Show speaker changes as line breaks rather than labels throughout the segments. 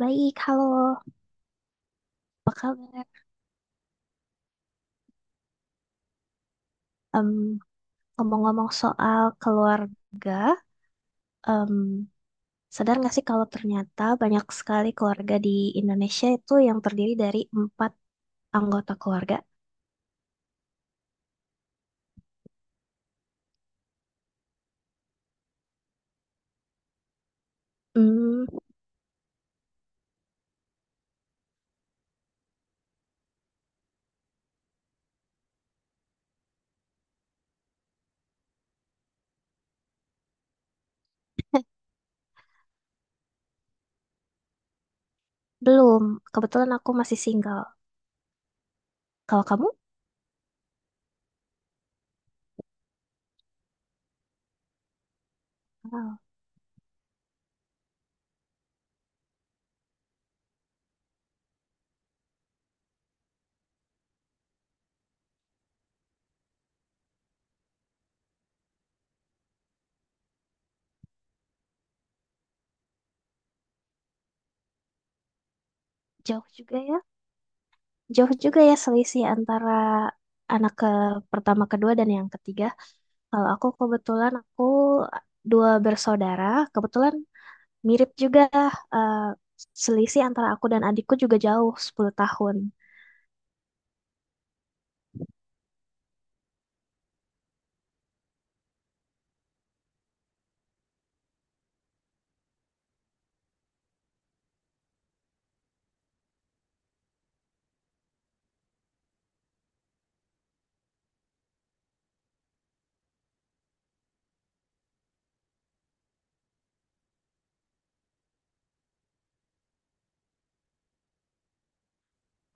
Baik, halo. Apa kabar? Em, Ngomong-ngomong soal keluarga, em, sadar nggak sih kalau ternyata banyak sekali keluarga di Indonesia itu yang terdiri dari empat anggota keluarga? Hmm, belum. Kebetulan aku masih single. Kalau kamu? Wow, jauh juga ya. Jauh juga ya selisih antara anak ke pertama, kedua, dan yang ketiga. Kalau aku, kebetulan aku dua bersaudara. Kebetulan mirip juga, eh, selisih antara aku dan adikku juga jauh 10 tahun.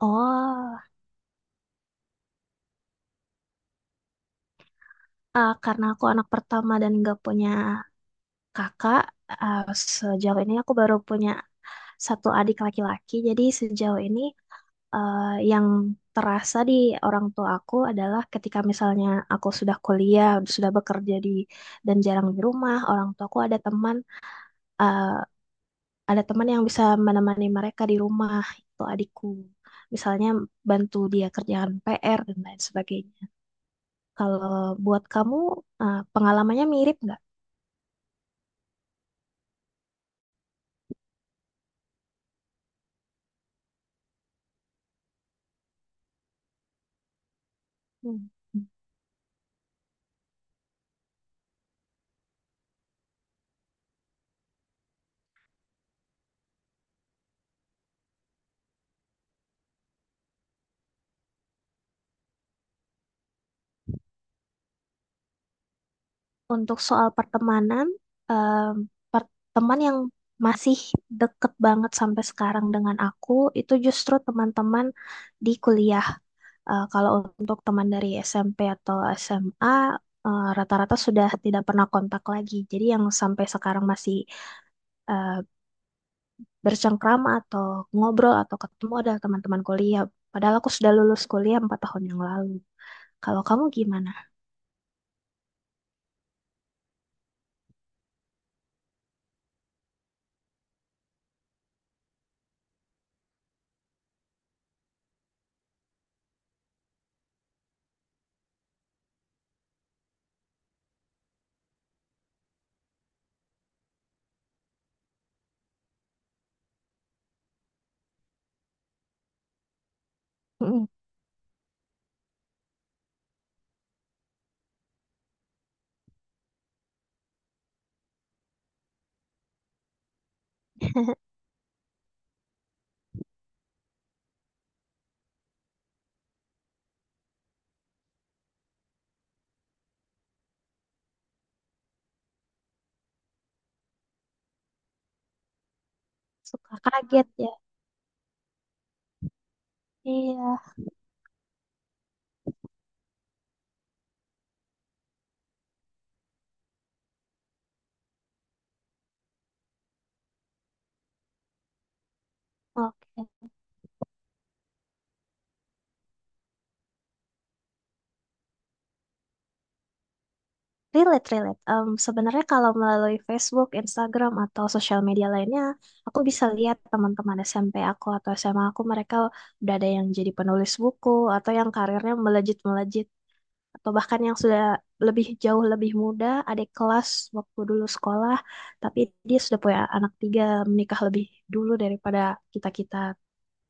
Oh, karena aku anak pertama dan nggak punya kakak, eh, sejauh ini aku baru punya satu adik laki-laki. Jadi sejauh ini, eh, yang terasa di orang tua aku adalah ketika misalnya aku sudah kuliah, sudah bekerja di dan jarang di rumah, orang tuaku ada teman, eh, ada teman yang bisa menemani mereka di rumah itu adikku, misalnya bantu dia kerjaan PR dan lain sebagainya. Kalau buat kamu, pengalamannya mirip nggak? Hmm. Untuk soal pertemanan, eh, teman yang masih deket banget sampai sekarang dengan aku itu justru teman-teman di kuliah. Kalau untuk teman dari SMP atau SMA, rata-rata sudah tidak pernah kontak lagi. Jadi yang sampai sekarang masih eh, bercengkrama atau ngobrol atau ketemu ada teman-teman kuliah. Padahal aku sudah lulus kuliah 4 tahun yang lalu. Kalau kamu gimana? Suka kaget ya? Iya, oke. Relate, relate. Sebenarnya kalau melalui Facebook, Instagram, atau sosial media lainnya, aku bisa lihat teman-teman SMP aku atau SMA aku, mereka udah ada yang jadi penulis buku, atau yang karirnya melejit-melejit. Atau bahkan yang sudah lebih jauh lebih muda, adik kelas waktu dulu sekolah, tapi dia sudah punya anak tiga, menikah lebih dulu daripada kita-kita,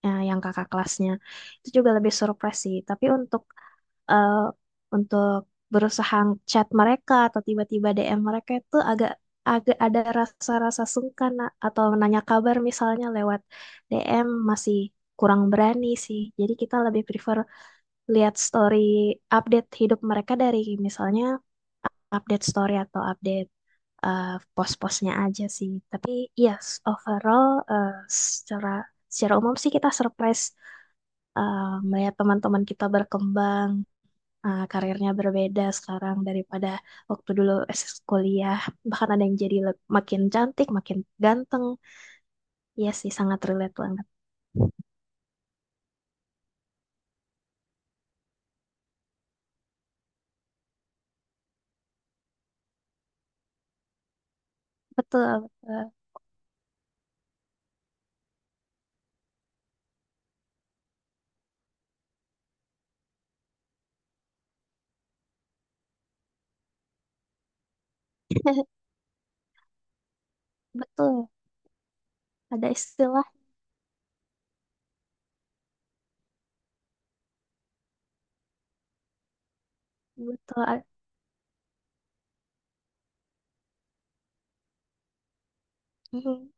yang kakak kelasnya. Itu juga lebih surprise sih. Tapi untuk eh, untuk berusaha chat mereka atau tiba-tiba DM mereka itu agak agak ada rasa-rasa sungkan Nak. Atau menanya kabar misalnya lewat DM masih kurang berani sih. Jadi kita lebih prefer lihat story update hidup mereka dari misalnya update story atau update, eh, post-postnya aja sih. Tapi yes, overall, eh, secara secara umum sih kita surprise, eh, melihat teman-teman kita berkembang, karirnya berbeda sekarang daripada waktu dulu SS kuliah. Bahkan ada yang jadi makin cantik, makin ganteng. Iya sih, sangat relate banget. Betul, betul. Betul. Ada istilah betul. Mhm.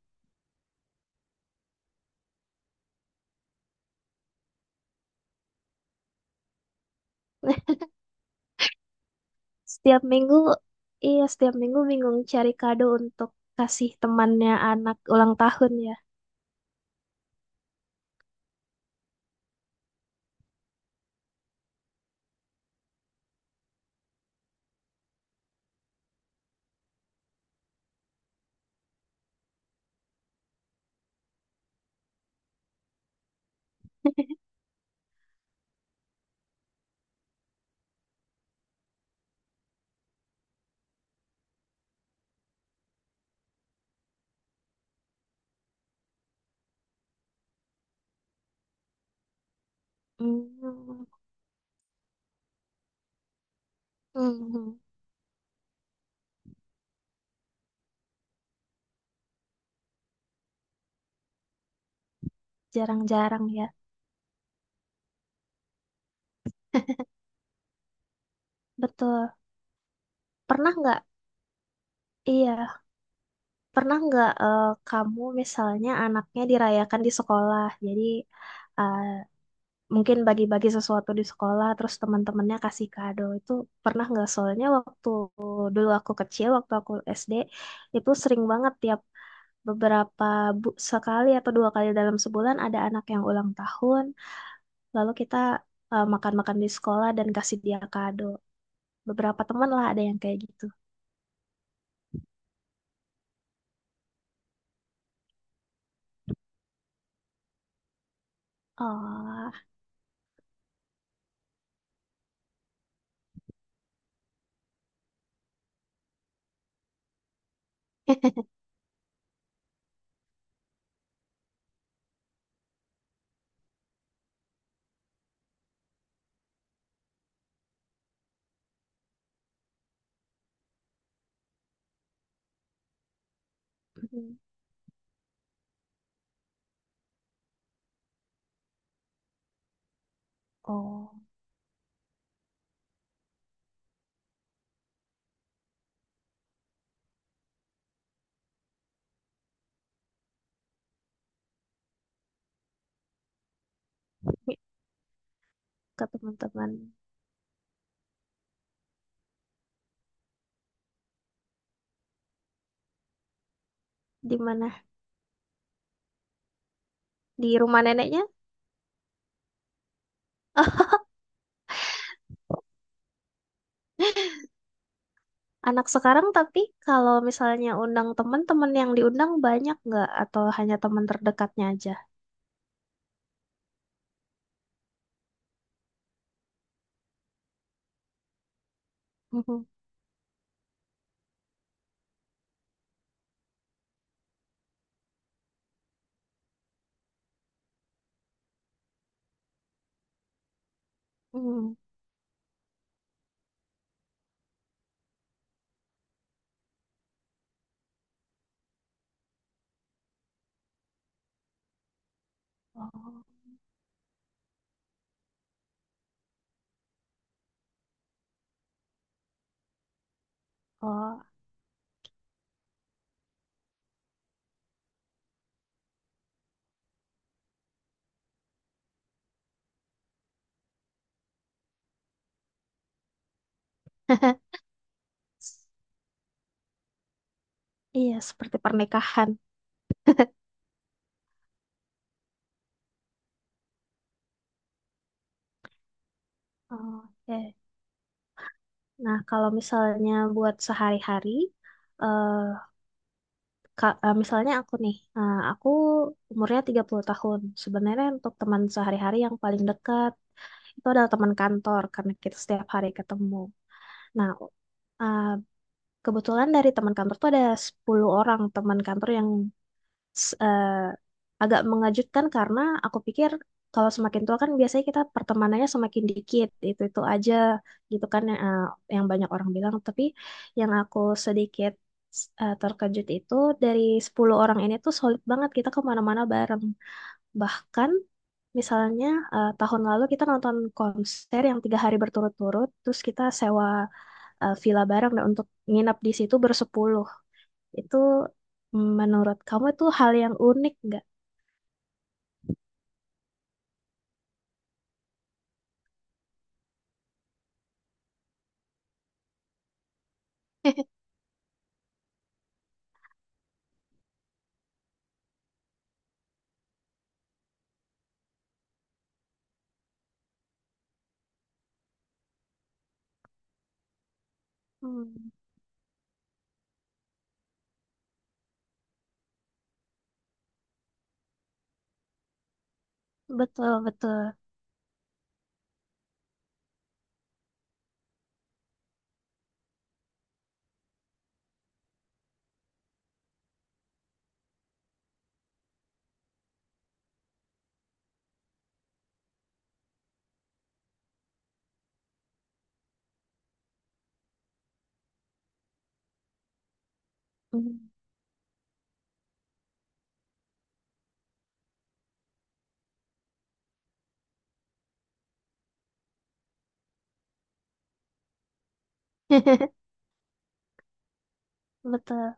Setiap minggu, iya setiap minggu bingung cari kado untuk kasih temannya anak ulang tahun ya. Hmm, hmm, jarang-jarang ya. Betul. Pernah nggak? Iya. Pernah nggak, kamu misalnya anaknya dirayakan di sekolah, jadi eh, mungkin bagi-bagi sesuatu di sekolah, terus teman-temannya kasih kado itu pernah nggak? Soalnya waktu dulu aku kecil, waktu aku SD itu sering banget tiap beberapa sekali atau dua kali dalam sebulan ada anak yang ulang tahun, lalu kita makan-makan di sekolah dan kasih dia kado. Beberapa teman lah ada yang kayak gitu. Oh, oh, ini ke teman-teman di mana? Di rumah neneknya? Ah, anak sekarang tapi kalau misalnya undang teman-teman yang diundang banyak nggak atau hanya teman terdekatnya aja? Mhm. Mhm. Oh, oh. Iya, seperti pernikahan. Oh, oke. Nah, kalau misalnya buat sehari-hari, eh, misalnya aku nih, aku umurnya 30 tahun. Sebenarnya untuk teman sehari-hari yang paling dekat itu adalah teman kantor karena kita setiap hari ketemu. Nah, eh, kebetulan dari teman kantor tuh ada 10 orang teman kantor yang s- eh, agak mengejutkan karena aku pikir kalau semakin tua kan biasanya kita pertemanannya semakin dikit itu aja gitu kan yang, yang banyak orang bilang tapi yang aku sedikit terkejut itu dari 10 orang ini tuh solid banget kita kemana-mana bareng bahkan misalnya, tahun lalu kita nonton konser yang 3 hari berturut-turut terus kita sewa, villa bareng dan untuk nginap di situ bersepuluh. Itu menurut kamu itu hal yang unik nggak? Hmm, betul betul. Hmm. Betul.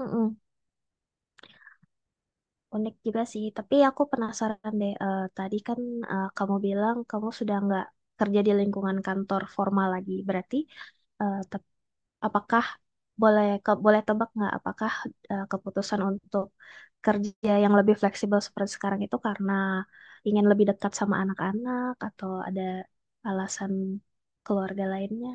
Mm-mm. Unik juga sih. Tapi aku penasaran deh. Tadi kan, kamu bilang kamu sudah nggak kerja di lingkungan kantor formal lagi. Berarti, eh, tep- apakah boleh tebak nggak? Apakah, keputusan untuk kerja yang lebih fleksibel seperti sekarang itu karena ingin lebih dekat sama anak-anak atau ada alasan keluarga lainnya.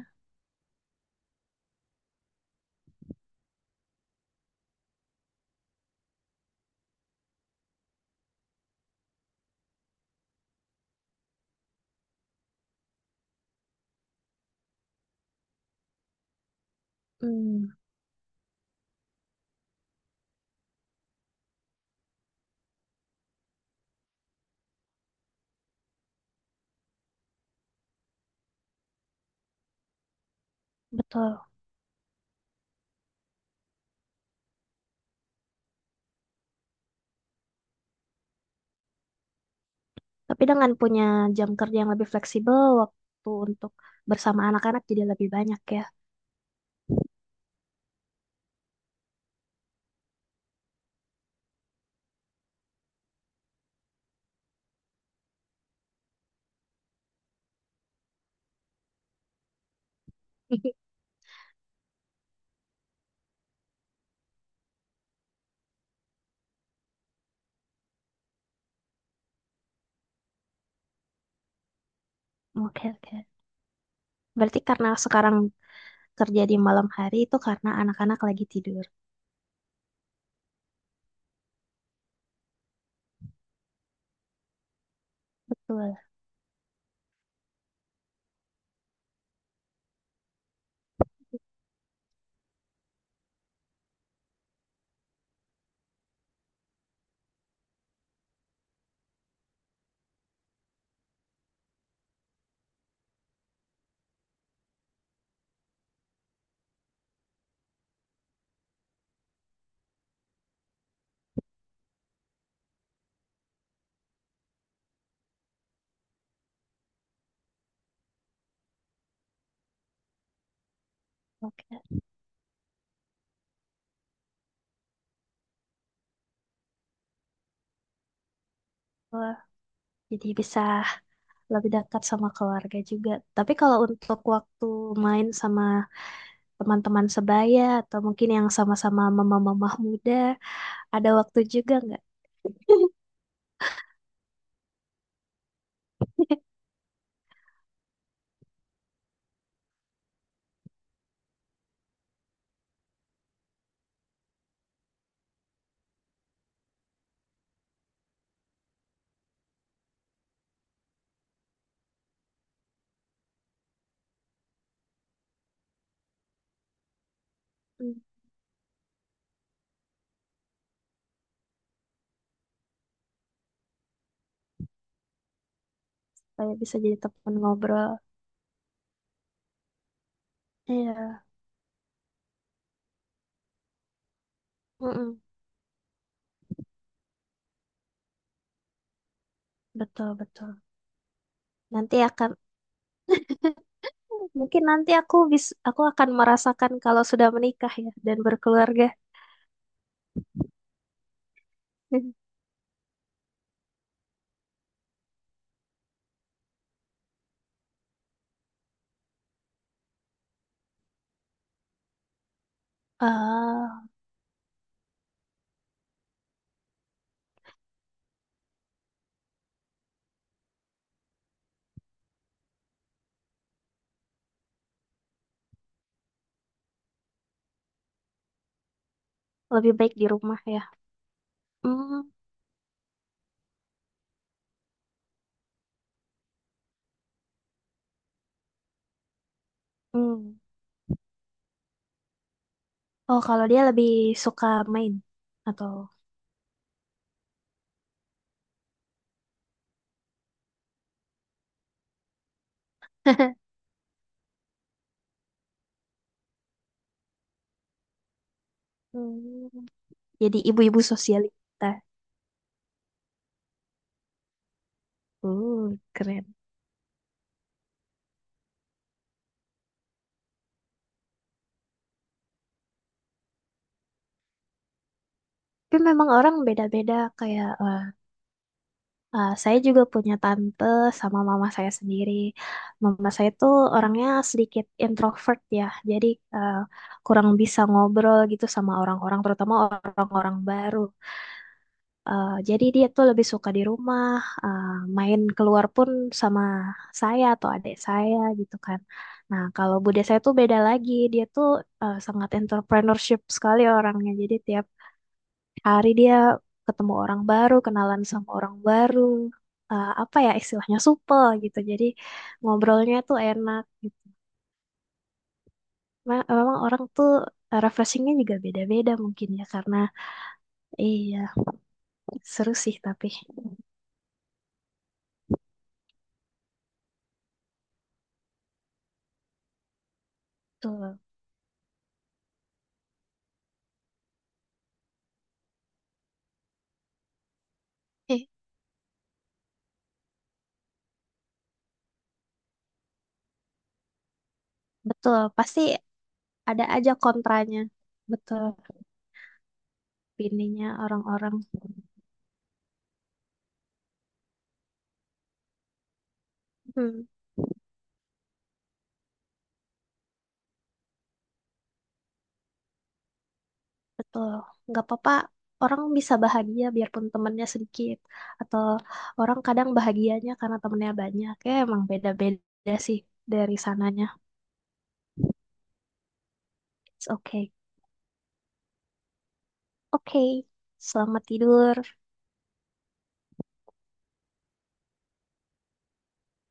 Hmm, betul. Tapi dengan punya jam kerja yang lebih fleksibel, waktu untuk bersama anak-anak jadi lebih banyak ya. Oke, oke. Berarti karena sekarang kerja di malam hari itu karena anak-anak lagi tidur. Betul. Oke. Wah, jadi bisa lebih dekat sama keluarga juga. Tapi kalau untuk waktu main sama teman-teman sebaya atau mungkin yang sama-sama mama-mama muda ada waktu juga nggak? Hmm, supaya bisa jadi teman ngobrol iya. Mm-mm. Betul betul. Nanti akan mungkin nanti aku akan merasakan kalau sudah menikah ya dan berkeluarga. Ah, lebih baik di rumah ya. Hmm, hmm. Oh kalau dia lebih suka main atau hmm, jadi ibu-ibu sosialita. Uh, keren. Tapi memang orang beda-beda kayak, saya juga punya tante sama mama saya sendiri. Mama saya tuh orangnya sedikit introvert ya, jadi eh, kurang bisa ngobrol gitu sama orang-orang, terutama orang-orang baru. Jadi dia tuh lebih suka di rumah, eh, main keluar pun sama saya atau adik saya gitu kan. Nah, kalau bude saya tuh beda lagi, dia tuh sangat entrepreneurship sekali orangnya. Jadi tiap hari dia ketemu orang baru, kenalan sama orang baru, apa ya istilahnya supel gitu. Jadi ngobrolnya tuh enak gitu. Memang orang tuh, refreshingnya juga beda-beda mungkin ya karena iya seru sih tapi betul. Eh, Betul pasti ada aja kontranya betul opininya orang-orang. Hmm. Betul. Nggak apa-apa, orang bisa bahagia biarpun temennya sedikit. Atau orang kadang bahagianya karena temennya banyak. Ya emang beda-beda sih dari sananya. It's okay. Oke, selamat tidur.